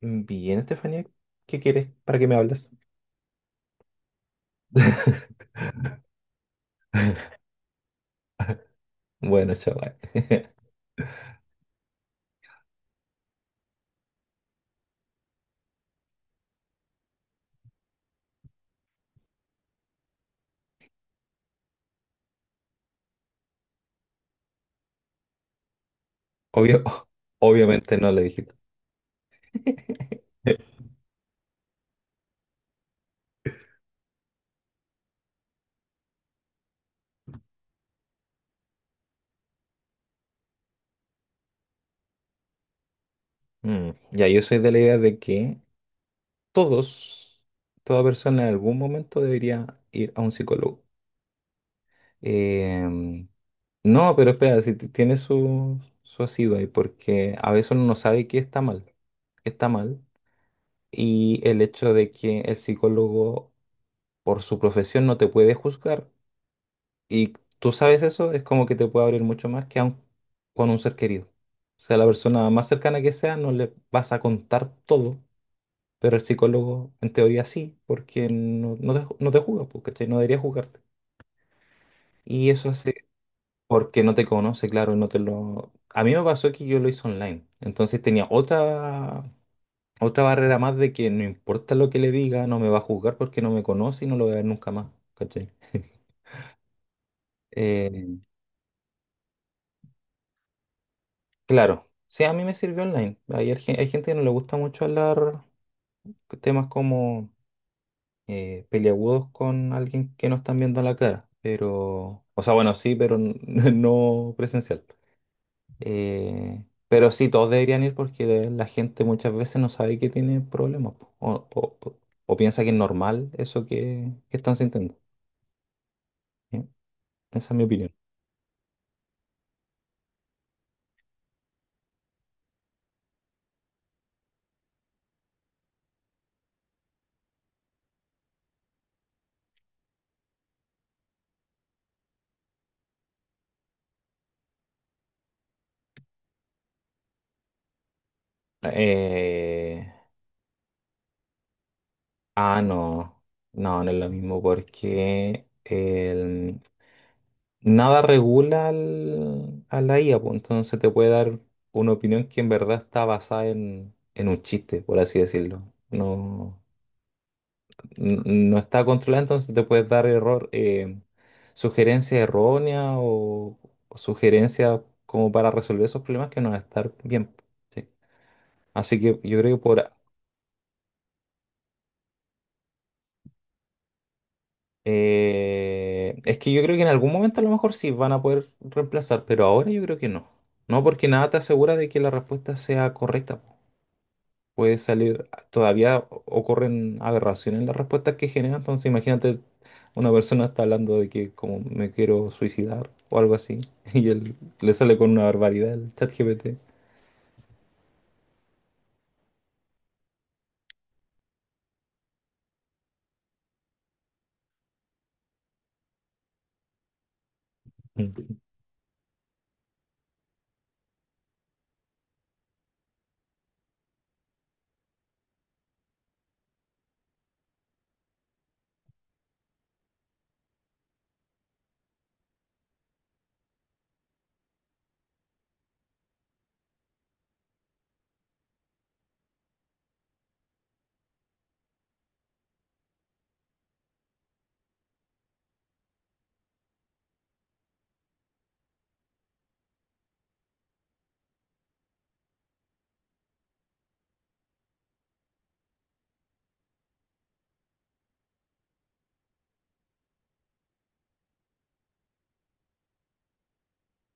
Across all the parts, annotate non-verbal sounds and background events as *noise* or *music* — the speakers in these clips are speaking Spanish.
Bien, Estefanía, ¿qué quieres? ¿Para qué me hablas? *laughs* Bueno, chaval. *laughs* Obvio, obviamente no le dijiste. Mm, ya, yo soy de la idea de que todos, toda persona en algún momento debería ir a un psicólogo. Em, no, pero espera, si tiene su asido ahí, porque a veces uno no sabe qué está mal, y el hecho de que el psicólogo por su profesión no te puede juzgar. Y tú sabes eso, es como que te puede abrir mucho más que aun con un ser querido. O sea, la persona más cercana que sea, no le vas a contar todo, pero el psicólogo en teoría sí, porque no te juzga, pues, ¿cachai? No debería juzgarte. Y eso hace porque no te conoce, claro, no te lo... A mí me pasó que yo lo hice online, entonces otra barrera más de que no importa lo que le diga, no me va a juzgar porque no me conoce y no lo voy a ver nunca más, ¿cachai? *laughs* Eh, Claro, sí, a mí me sirvió online. Hay gente que no le gusta mucho hablar temas como peliagudos con alguien que no están viendo la cara, pero, o sea, bueno, sí, pero *laughs* no presencial. Pero sí, todos deberían ir porque la gente muchas veces no sabe que tiene problemas po, o piensa que es normal eso que están sintiendo. ¿Sí? Esa es mi opinión. Eh, no, no, no es lo mismo porque... el nada regula a la IA, pues entonces te puede dar una opinión que en verdad está basada en un chiste, por así decirlo. No, n- no está controlada, entonces te puedes dar error, sugerencias erróneas o sugerencias como para resolver esos problemas que no van a estar bien. ¿Sí? Así que yo creo que por... es que yo creo que en algún momento a lo mejor sí van a poder reemplazar, pero ahora yo creo que no. No, porque nada te asegura de que la respuesta sea correcta. Puede salir, todavía ocurren aberraciones en las respuestas que genera, entonces imagínate una persona está hablando de que como me quiero suicidar o algo así, *laughs* y él le sale con una barbaridad el chat GPT.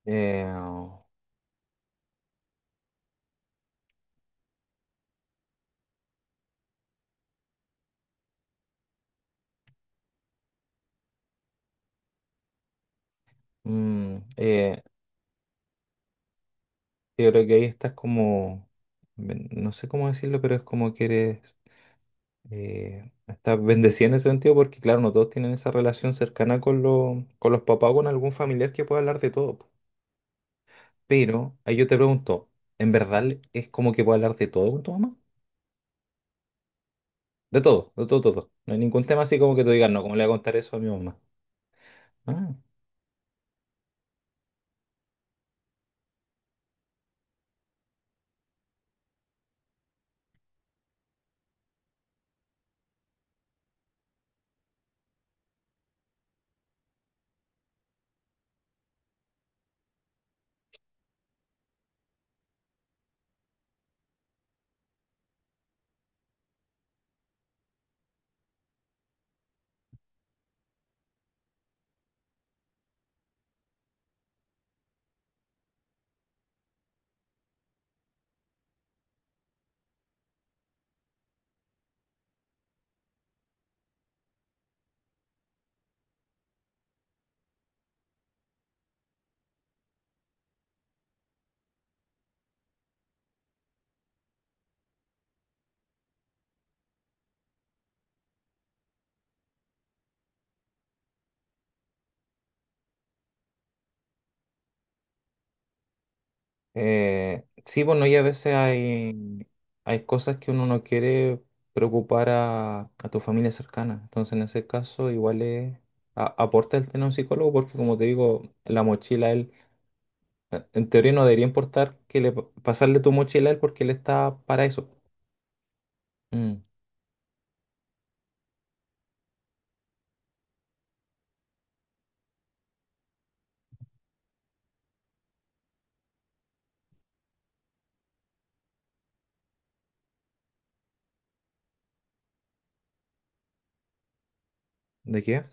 Eh, mm, eh, yo creo que ahí estás como, no sé cómo decirlo, pero es como que eres, estás bendecida en ese sentido porque claro, no todos tienen esa relación cercana con, con los papás o con algún familiar que pueda hablar de todo. Pero ahí yo te pregunto, ¿en verdad es como que puedo hablar de todo con tu mamá? De todo, todo. No hay ningún tema así como que tú digas, no, ¿cómo le voy a contar eso a mi mamá? Ah. Sí, bueno, y a veces hay, hay cosas que uno no quiere preocupar a tu familia cercana. Entonces, en ese caso, igual es, aporta el tener un psicólogo porque, como te digo, la mochila, él, en teoría no debería importar que le pasarle tu mochila a él porque él está para eso. Mm. ¿De qué?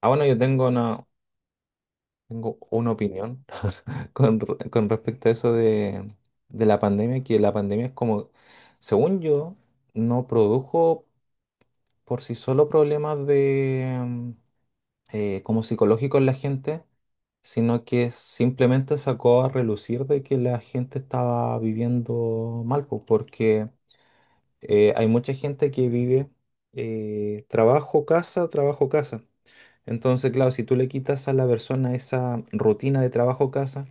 Ah, bueno, yo tengo una, tengo una opinión *laughs* con, con respecto a eso de la pandemia, que la pandemia es como, según yo, no produjo por sí solo problemas de como psicológicos en la gente, sino que simplemente sacó a relucir de que la gente estaba viviendo mal, pues, porque hay mucha gente que vive trabajo, casa, trabajo, casa. Entonces, claro, si tú le quitas a la persona esa rutina de trabajo, casa,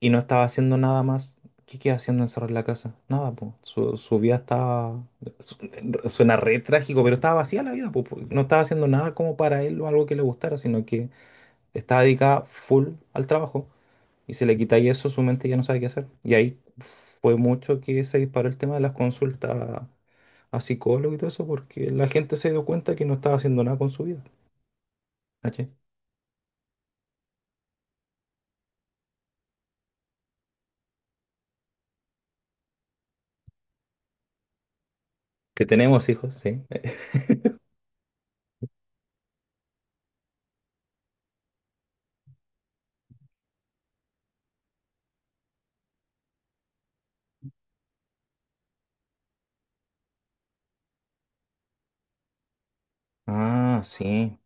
y no estaba haciendo nada más. ¿Qué queda haciendo encerrado en la casa? Nada, pues. Su vida estaba. su- Suena re trágico, pero estaba vacía la vida, po, po. No estaba haciendo nada como para él o algo que le gustara, sino que estaba dedicada full al trabajo. Y se le quita y eso, su mente ya no sabe qué hacer. Y ahí fue mucho que se disparó el tema de las consultas a psicólogos y todo eso, porque la gente se dio cuenta que no estaba haciendo nada con su vida. ¿Cachai? Que tenemos hijos, sí. Eh. Ah, sí.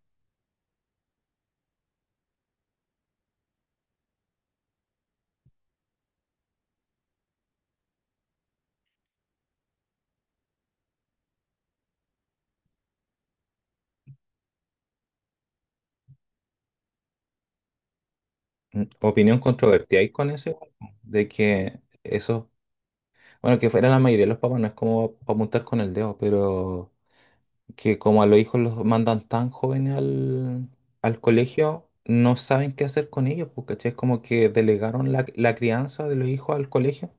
Mm. Opinión controvertida hay con eso, igual, po, de que eso, bueno, que fuera la mayoría de los papás, no es como apuntar con el dedo, pero que como a los hijos los mandan tan jóvenes al, al colegio, no saben qué hacer con ellos, porque es como que delegaron la, la crianza de los hijos al colegio.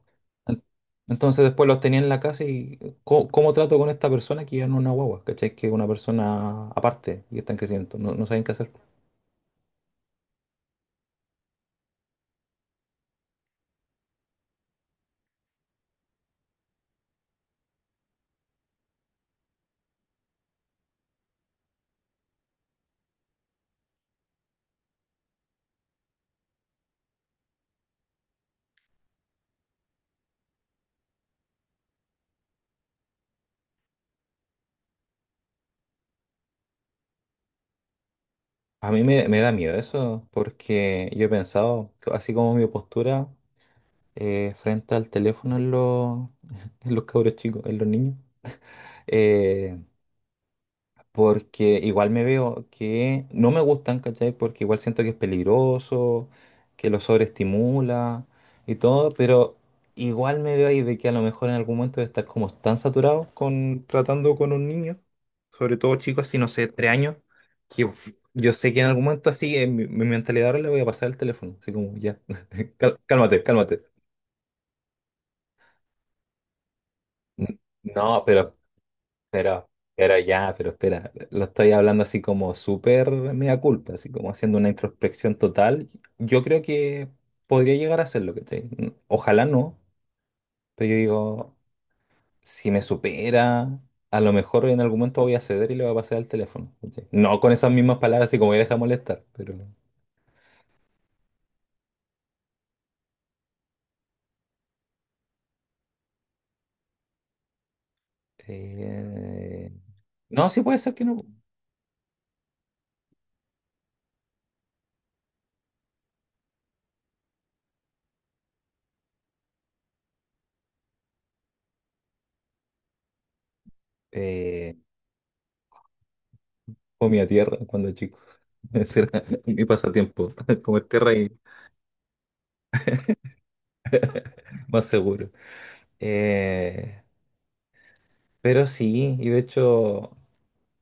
En- Entonces después los tenían en la casa y ¿cómo, cómo trato con esta persona que ya no es una guagua? ¿Cachai? Que es una persona aparte y está en crecimiento, no, no saben qué hacer. A mí me da miedo eso, porque yo he pensado, así como mi postura frente al teléfono en los, *laughs* en los cabros chicos, en los niños. eh, Porque igual me veo que no me gustan, ¿cachai? Porque igual siento que es peligroso, que lo sobreestimula y todo, pero igual me veo ahí de que a lo mejor en algún momento de estar como tan saturado con tratando con un niño, sobre todo chicos así, no sé, tres años, que yo sé que en algún momento así, en mi mentalidad ahora le voy a pasar el teléfono, así como ya, *laughs* cálmate, cálmate. N- No, Pero, pero ya, pero espera, lo estoy hablando así como súper mea culpa, así como haciendo una introspección total. Yo creo que podría llegar a hacerlo, ¿cachai? Ojalá no, pero yo digo, si me supera, a lo mejor en algún momento voy a ceder y le voy a pasar el teléfono, ¿cachai? No con esas mismas palabras, así como me deja molestar, pero... eh, no, sí puede ser que no. Eh, Comía tierra cuando chico. *laughs* Ese era mi pasatiempo, *laughs* comer tierra y más seguro. Eh, pero sí, y de hecho,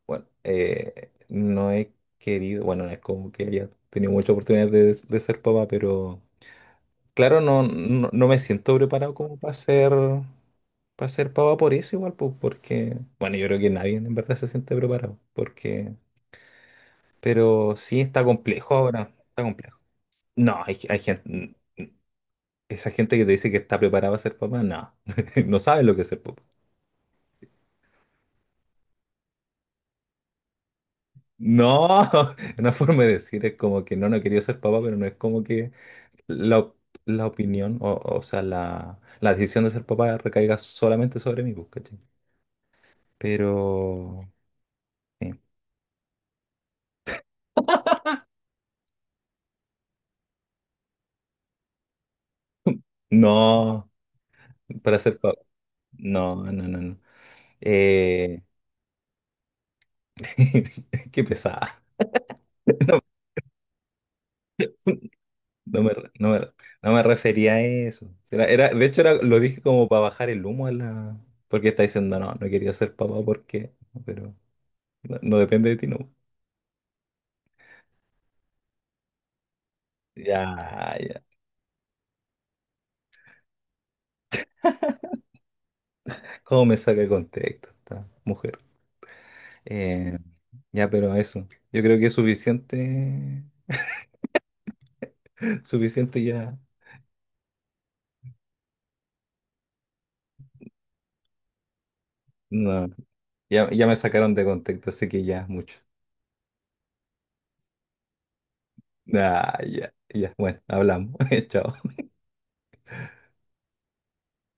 bueno, no he querido, bueno, no es como que haya tenido muchas oportunidades de ser papá, pero claro, no, no, no me siento preparado como para ser papá por eso igual, pues, porque, bueno, yo creo que nadie en verdad se siente preparado, porque, pero sí está complejo ahora, está complejo. No, hay gente, esa gente que te dice que está preparada para ser papá, no, *laughs* no sabe lo que es ser papá. No, *laughs* una forma de decir es como que no, no quería ser papá, pero no es como que la, op- la opinión, o sea, la decisión de ser papá recaiga solamente sobre mí, pues, ¿cachai? Pero, sí. No, para ser papá, no, no, no, no. Eh, *laughs* qué pesada. No, no me, re- no me, re- no me refería a eso. De hecho, era, lo dije como para bajar el humo a la... Porque está diciendo, no, no quería ser papá porque... Pero no, no depende de ti, no. Ya, ya. ¿Cómo me saca de contexto esta mujer? Eh, ya, pero eso. Yo creo que es suficiente. *laughs* Suficiente ya. No, ya, ya me sacaron de contexto, así que ya es mucho. Ah, ya, ya. Bueno, hablamos. *laughs* Chao.